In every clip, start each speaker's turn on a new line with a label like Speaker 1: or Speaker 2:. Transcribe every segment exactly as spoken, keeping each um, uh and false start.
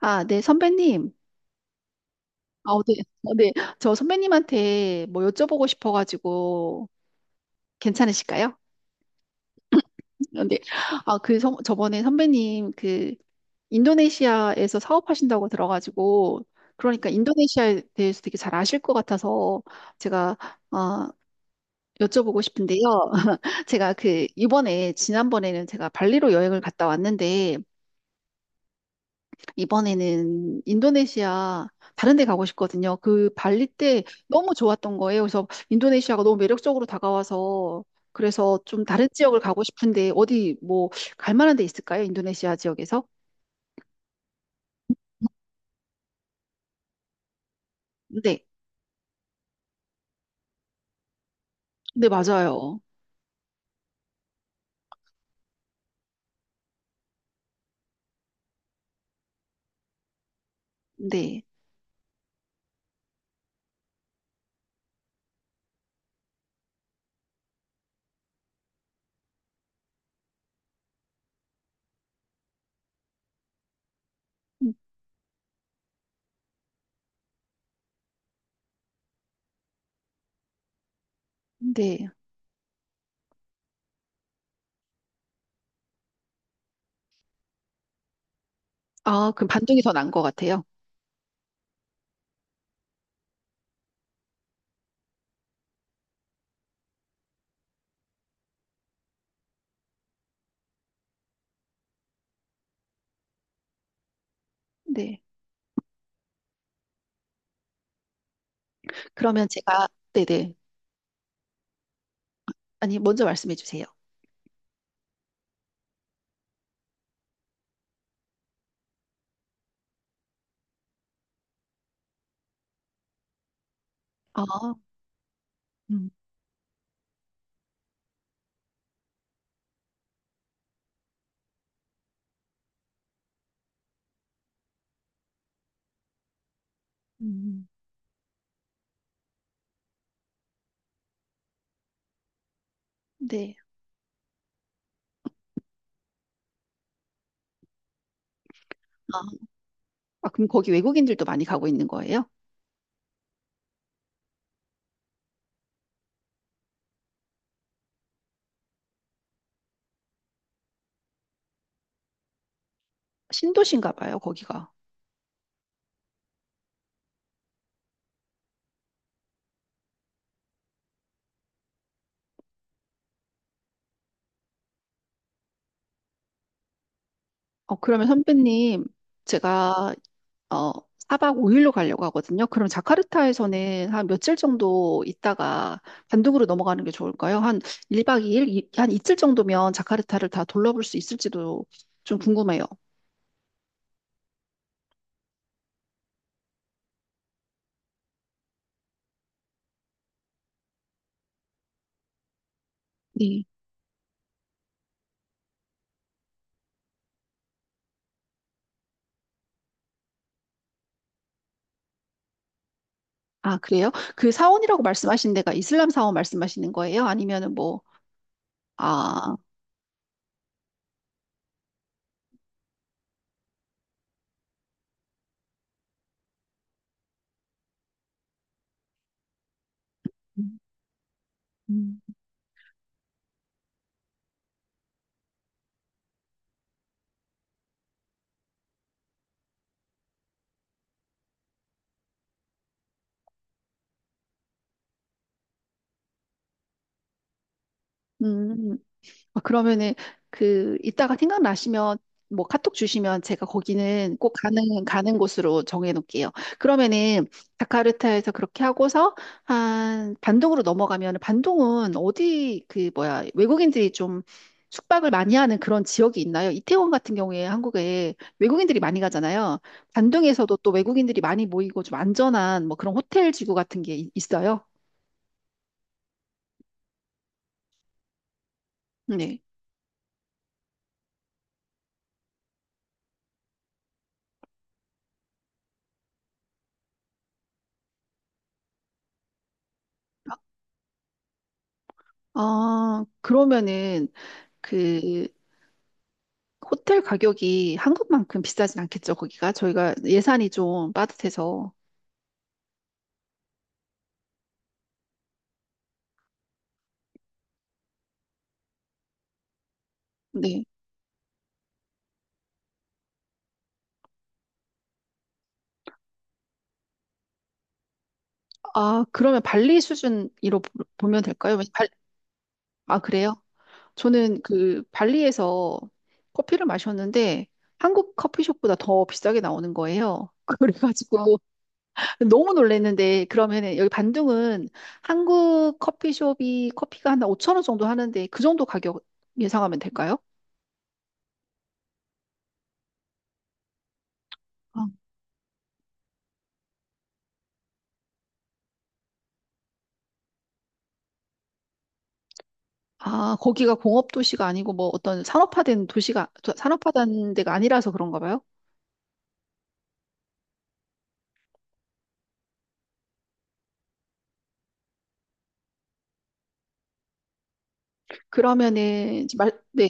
Speaker 1: 아, 네, 선배님. 아, 네. 어, 네. 저 선배님한테 뭐 여쭤보고 싶어가지고 괜찮으실까요? 근 아, 그 선- 저번에 선배님 그 인도네시아에서 사업하신다고 들어가지고, 그러니까 인도네시아에 대해서 되게 잘 아실 것 같아서 제가 어, 여쭤보고 싶은데요. 제가 그 이번에 지난번에는 제가 발리로 여행을 갔다 왔는데, 이번에는 인도네시아 다른 데 가고 싶거든요. 그 발리 때 너무 좋았던 거예요. 그래서 인도네시아가 너무 매력적으로 다가와서, 그래서 좀 다른 지역을 가고 싶은데 어디 뭐 갈 만한 데 있을까요? 인도네시아 지역에서? 네. 네, 맞아요. 네. 음, 네. 아, 그럼 반동이 더 난 것 같아요. 네. 그러면 제가 네네. 아니, 먼저 말씀해 주세요. 아, 음, 음, 네. 아, 아, 그럼 거기 외국인들도 많이 가고 있는 거예요? 신도시인가 봐요, 거기가. 어, 그러면 선배님, 제가 어, 사 박 오 일로 가려고 하거든요. 그럼 자카르타에서는 한 며칠 정도 있다가 반둥으로 넘어가는 게 좋을까요? 한 일 박 이 일, 이, 일, 이- 한 이틀 정도면 자카르타를 다 돌려볼 수 있을지도 좀 궁금해요. 네. 아, 그래요? 그 사원이라고 말씀하신 데가 이슬람 사원 말씀하시는 거예요? 아니면은 뭐, 아, 음, 음, 아, 그러면은 그 이따가 생각나시면 뭐 카톡 주시면 제가 거기는 꼭 가는 가는 곳으로 정해 놓을게요. 그러면은 자카르타에서 그렇게 하고서 한 반동으로 넘어가면, 반동은 어디 그 뭐야, 외국인들이 좀 숙박을 많이 하는 그런 지역이 있나요? 이태원 같은 경우에 한국에 외국인들이 많이 가잖아요. 반동에서도 또 외국인들이 많이 모이고 좀 안전한 뭐 그런 호텔 지구 같은 게 있- 있어요? 네. 아, 그러면은 그 호텔 가격이 한국만큼 비싸진 않겠죠, 거기가? 저희가 예산이 좀 빠듯해서. 네. 아, 그러면 발리 수준으로 보- 보면 될까요? 왜냐- 발, 아, 그래요? 저는 그 발리에서 커피를 마셨는데 한국 커피숍보다 더 비싸게 나오는 거예요. 그래가지고 너무 놀랐는데, 그러면은 여기 반둥은 한국 커피숍이 커피가 한 오천 원 정도 하는데 그 정도 가격 예상하면 될까요? 아, 거기가 공업 도시가 아니고 뭐 어떤 산업화된 도시가 산업화된 데가 아니라서 그런가 봐요. 그러면은 이제 말, 네,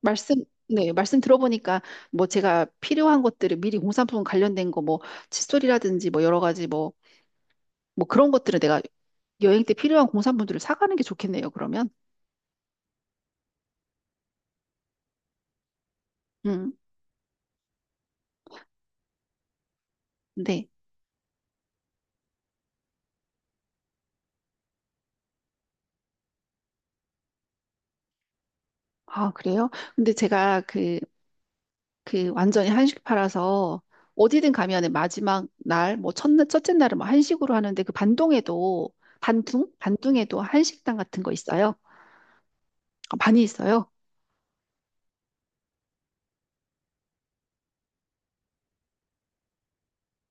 Speaker 1: 말씀 네, 말씀 들어보니까, 뭐 제가 필요한 것들을 미리 공산품 관련된 거 뭐 칫솔이라든지 뭐 여러 가지 뭐 뭐 그런 것들을 내가, 여행 때 필요한 공산품들을 사가는 게 좋겠네요. 그러면. 음. 네. 아, 그래요? 근데 제가 그 그 완전히 한식 팔아서, 어디든 가면은 마지막 날, 뭐 첫날, 첫째 날은 뭐 한식으로 하는데, 그 반동에도, 반둥? 반둥에도 한식당 같은 거 있어요? 아, 많이 있어요.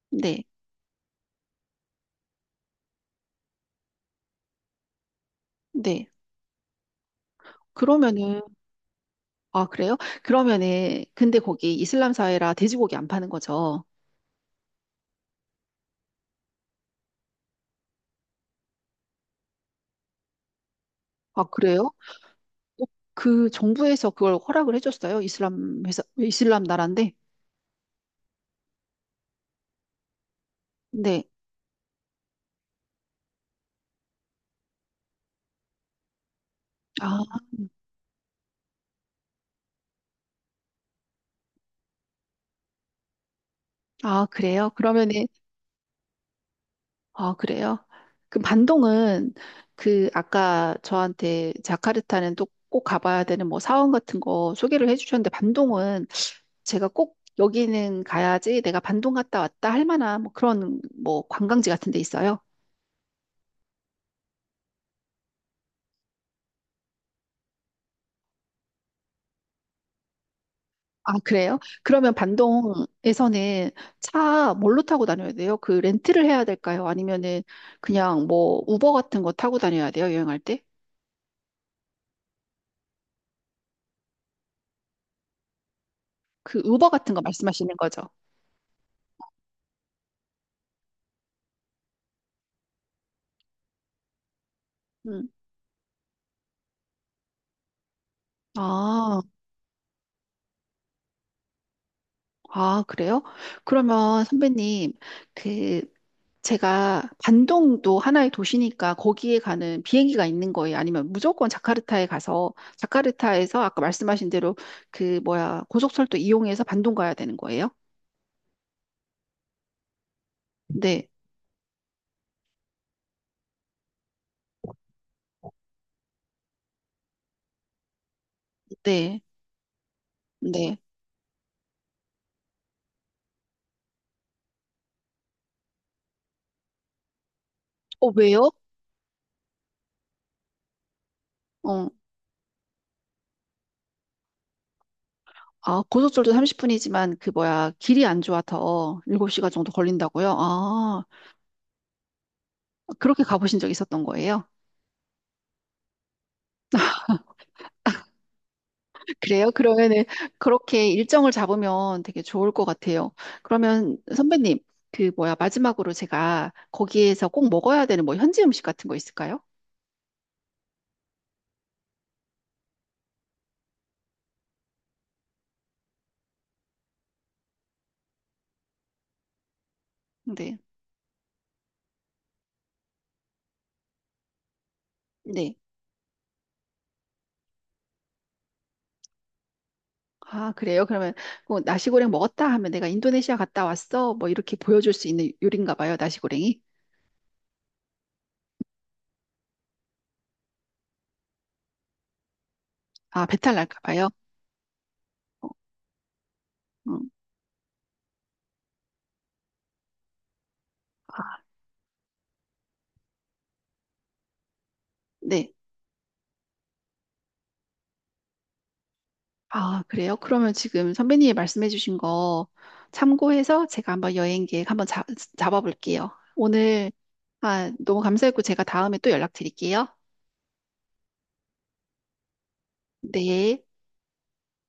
Speaker 1: 네. 네. 그러면은 아, 그래요? 그러면은 근데 거기 이슬람 사회라 돼지고기 안 파는 거죠. 아, 그래요? 어, 그 정부에서 그걸 허락을 해줬어요? 이슬람 회사, 이슬람 나라인데. 네. 아, 아, 그래요? 그러면은 아, 그래요? 그 반동은, 그 아까 저한테 자카르타는 또 꼭 가봐야 되는 뭐 사원 같은 거 소개를 해주셨는데, 반동은 제가 꼭 여기는 가야지, 내가 반동 갔다 왔다 할 만한 뭐 그런 뭐 관광지 같은 데 있어요? 아, 그래요? 그러면 반동에서는 차 뭘로 타고 다녀야 돼요? 그 렌트를 해야 될까요? 아니면은 그냥 뭐 우버 같은 거 타고 다녀야 돼요? 여행할 때? 그 우버 같은 거 말씀하시는 거죠? 음. 아. 아, 그래요? 그러면 선배님, 그, 제가 반동도 하나의 도시니까 거기에 가는 비행기가 있는 거예요? 아니면 무조건 자카르타에 가서, 자카르타에서 아까 말씀하신 대로 그, 뭐야, 고속철도 이용해서 반동 가야 되는 거예요? 네, 네, 네. 어, 왜요? 어, 아, 고속철도 삼십 분이지만 그, 뭐야, 길이 안 좋아서 일곱 시간 정도 걸린다고요? 아, 그렇게 가보신 적 있었던 거예요? 그래요? 그러면은 그렇게 일정을 잡으면 되게 좋을 것 같아요. 그러면 선배님, 그 뭐야, 마지막으로 제가 거기에서 꼭 먹어야 되는 뭐 현지 음식 같은 거 있을까요? 네. 네. 아, 그래요? 그러면 뭐 나시고랭 먹었다 하면 내가 인도네시아 갔다 왔어, 뭐 이렇게 보여줄 수 있는 요리인가 봐요, 나시고랭이. 아, 배탈 날까 봐요. 어, 음. 아, 네. 아, 그래요? 그러면 지금 선배님이 말씀해 주신 거 참고해서 제가 한번 여행 계획 한번 잡, 잡아볼게요. 오늘 아, 너무 감사했고 제가 다음에 또 연락드릴게요. 네.